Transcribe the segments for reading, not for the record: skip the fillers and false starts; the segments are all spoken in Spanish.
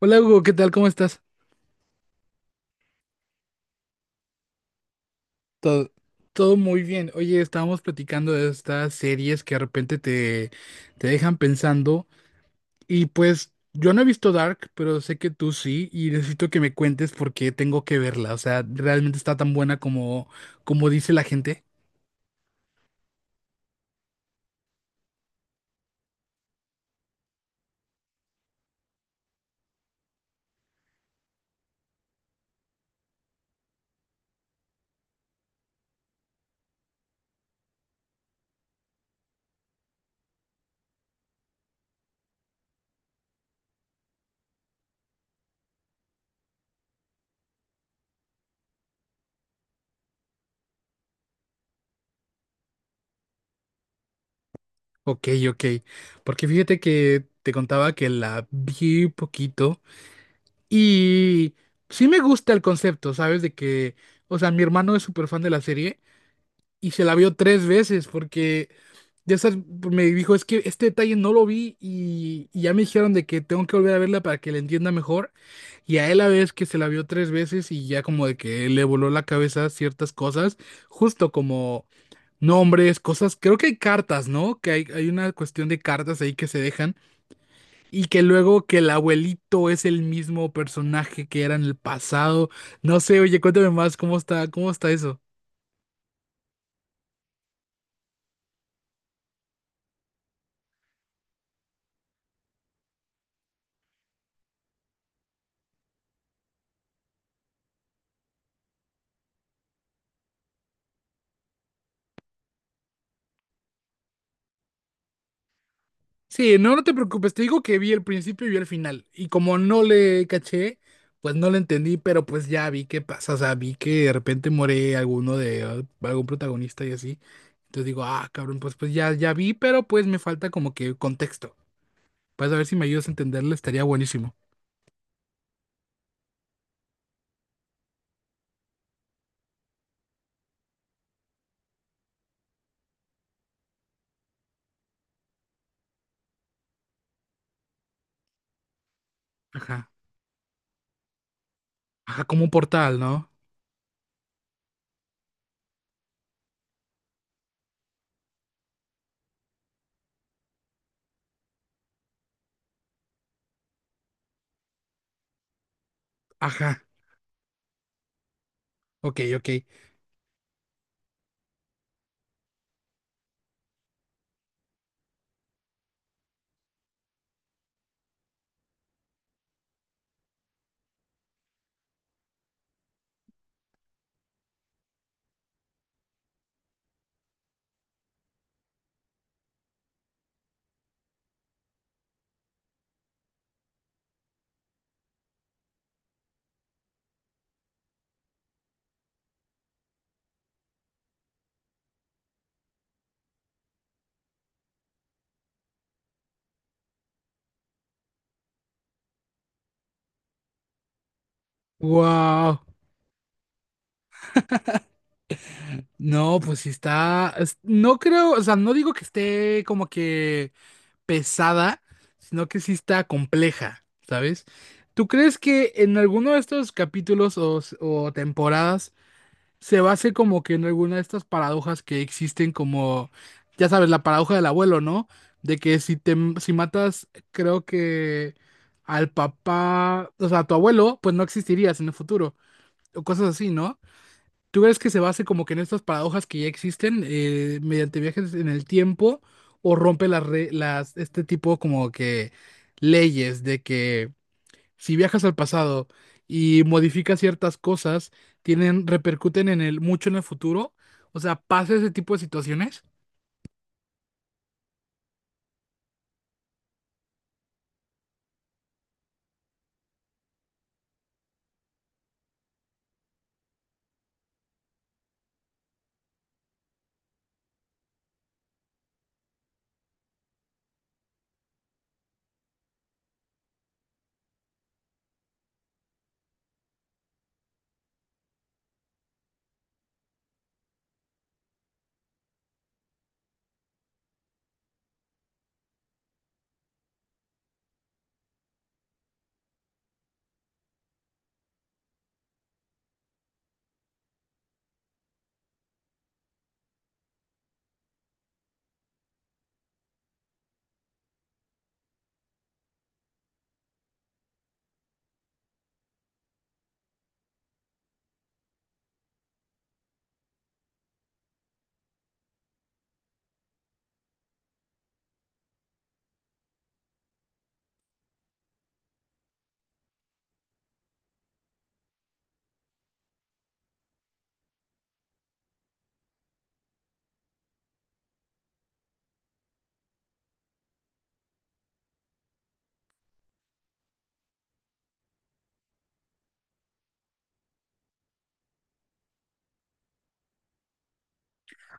Hola Hugo, ¿qué tal? ¿Cómo estás? Todo, todo muy bien. Oye, estábamos platicando de estas series que de repente te dejan pensando y pues yo no he visto Dark, pero sé que tú sí y necesito que me cuentes por qué tengo que verla. O sea, ¿realmente está tan buena como dice la gente? Ok, ok. Porque fíjate que te contaba que la vi poquito y sí me gusta el concepto, ¿sabes? De que, o sea, mi hermano es súper fan de la serie y se la vio tres veces porque ya sabes, me dijo, es que este detalle no lo vi y ya me dijeron de que tengo que volver a verla para que la entienda mejor. Y a él la vez que se la vio tres veces y ya como de que le voló la cabeza ciertas cosas, justo como nombres, cosas, creo que hay cartas, ¿no? Que hay una cuestión de cartas ahí que se dejan y que luego que el abuelito es el mismo personaje que era en el pasado. No sé, oye, cuéntame más, cómo está eso? Sí, no, no te preocupes, te digo que vi el principio y vi el final. Y como no le caché, pues no le entendí, pero pues ya vi qué pasa. O sea, vi que de repente muere alguno de algún protagonista y así. Entonces digo, ah, cabrón, pues ya, ya vi, pero pues me falta como que contexto. Pues a ver si me ayudas a entenderlo, estaría buenísimo. Ajá. Ajá, como un portal, ¿no? Ajá. Ok, ok. Wow. No, pues sí está. No creo, o sea, no digo que esté como que pesada, sino que sí está compleja, ¿sabes? ¿Tú crees que en alguno de estos capítulos o temporadas se base como que en alguna de estas paradojas que existen como, ya sabes, la paradoja del abuelo, ¿no? De que si si matas, creo que al papá, o sea, a tu abuelo, pues no existirías en el futuro, o cosas así, ¿no? ¿Tú crees que se base como que en estas paradojas que ya existen mediante viajes en el tiempo o rompe las este tipo como que leyes de que si viajas al pasado y modificas ciertas cosas, tienen, repercuten en el mucho en el futuro? O sea, ¿pasa ese tipo de situaciones?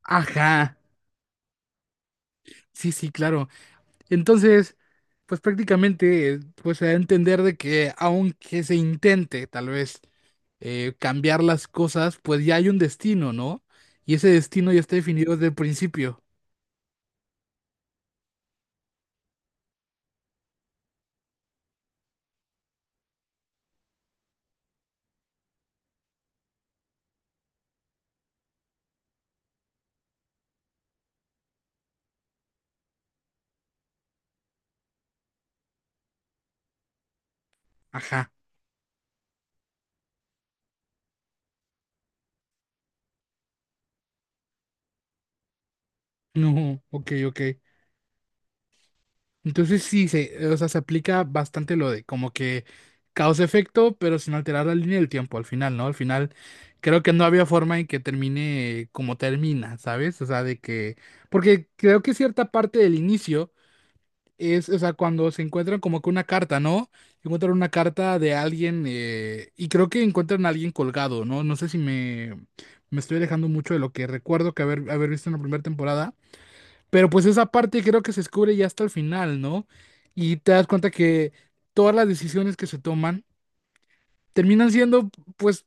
Ajá. Sí, sí, claro. Entonces, pues prácticamente, pues se da a entender de que aunque se intente tal vez cambiar las cosas, pues ya hay un destino, ¿no? Y ese destino ya está definido desde el principio. Ajá. No, ok, ok. Entonces sí, o sea, se aplica bastante lo de como que causa-efecto, pero sin alterar la línea del tiempo al final, ¿no? Al final creo que no había forma en que termine como termina, ¿sabes? O sea, de que... Porque creo que cierta parte del inicio es, o sea, cuando se encuentran como que una carta, ¿no? Encuentran una carta de alguien y creo que encuentran a alguien colgado, ¿no? No sé si me estoy alejando mucho de lo que recuerdo que haber visto en la primera temporada, pero pues esa parte creo que se descubre ya hasta el final, ¿no? Y te das cuenta que todas las decisiones que se toman terminan siendo, pues,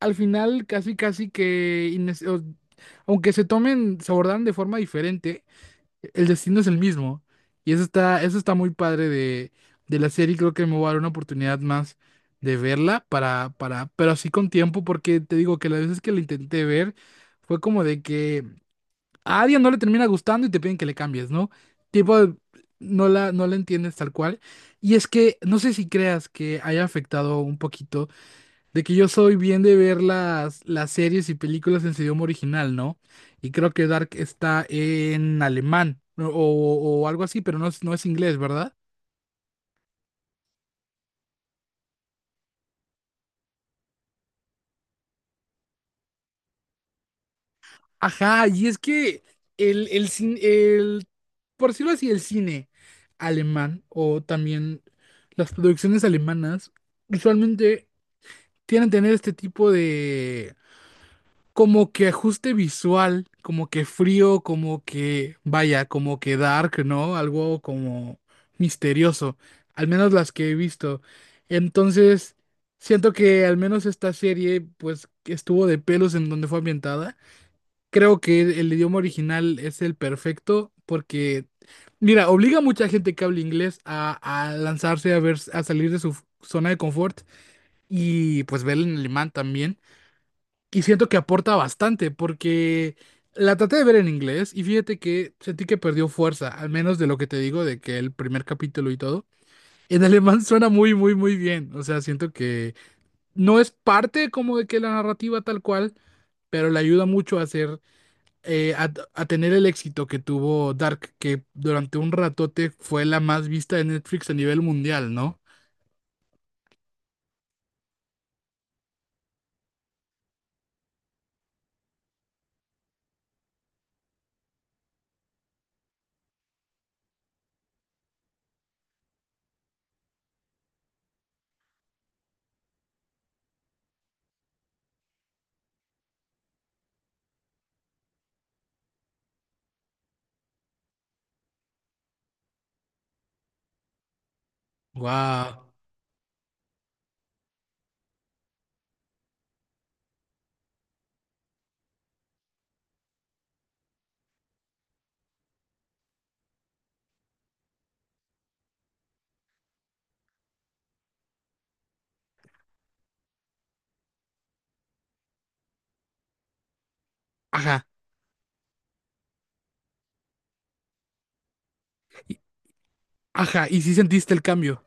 al final casi que, aunque se tomen, se abordan de forma diferente el destino es el mismo. Y eso está muy padre de la serie. Creo que me voy a dar una oportunidad más de verla pero así con tiempo, porque te digo que las veces que la intenté ver fue como de que a alguien no le termina gustando y te piden que le cambies, ¿no? Tipo, no la entiendes tal cual. Y es que no sé si creas que haya afectado un poquito de que yo soy bien de ver las series y películas en su idioma original, ¿no? Y creo que Dark está en alemán o algo así, pero no es inglés, ¿verdad? Ajá, y es que el, el, cin- el, por decirlo así, el cine alemán o también las producciones alemanas usualmente tienen tener este tipo de como que ajuste visual, como que frío, como que, vaya, como que dark, ¿no? Algo como misterioso, al menos las que he visto. Entonces, siento que al menos esta serie, pues, que estuvo de pelos en donde fue ambientada. Creo que el idioma original es el perfecto porque, mira, obliga a mucha gente que habla inglés a lanzarse a ver, a salir de su zona de confort y pues ver en alemán también. Y siento que aporta bastante, porque la traté de ver en inglés y fíjate que sentí que perdió fuerza, al menos de lo que te digo, de que el primer capítulo y todo. En alemán suena muy, muy, muy bien. O sea, siento que no es parte como de que la narrativa tal cual, pero le ayuda mucho a hacer, a tener el éxito que tuvo Dark, que durante un ratote fue la más vista de Netflix a nivel mundial, ¿no? Wow. Ajá, ajá. Y sí sentiste el cambio.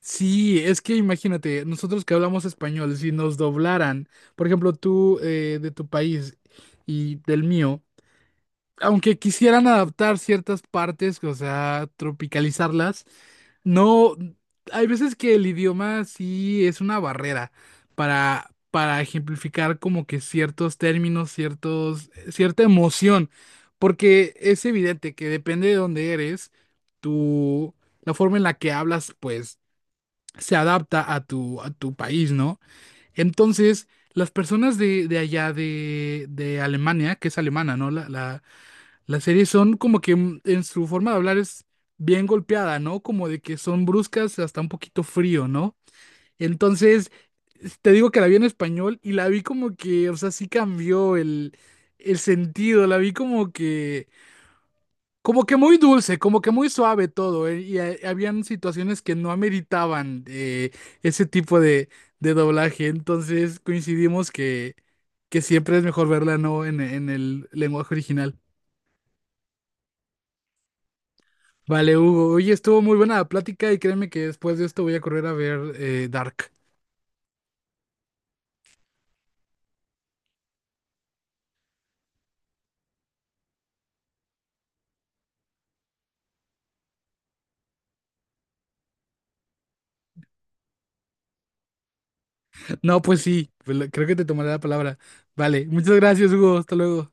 Sí, es que imagínate, nosotros que hablamos español, si nos doblaran, por ejemplo, tú de tu país y del mío, aunque quisieran adaptar ciertas partes, o sea, tropicalizarlas, no, hay veces que el idioma sí es una barrera para ejemplificar como que ciertos términos, ciertos, cierta emoción, porque es evidente que depende de dónde eres, tú, la forma en la que hablas, pues se adapta a a tu país, ¿no? Entonces, las personas de allá de Alemania, que es alemana, ¿no? La serie son como que en su forma de hablar es bien golpeada, ¿no? Como de que son bruscas, hasta un poquito frío, ¿no? Entonces, te digo que la vi en español y la vi como que, o sea, sí cambió el sentido, la vi como que... Como que muy dulce, como que muy suave todo, ¿eh? Y habían situaciones que no ameritaban ese tipo de doblaje, entonces coincidimos que siempre es mejor verla no en el lenguaje original. Vale, Hugo, oye, estuvo muy buena la plática y créeme que después de esto voy a correr a ver Dark. No, pues sí, creo que te tomaré la palabra. Vale, muchas gracias, Hugo, hasta luego.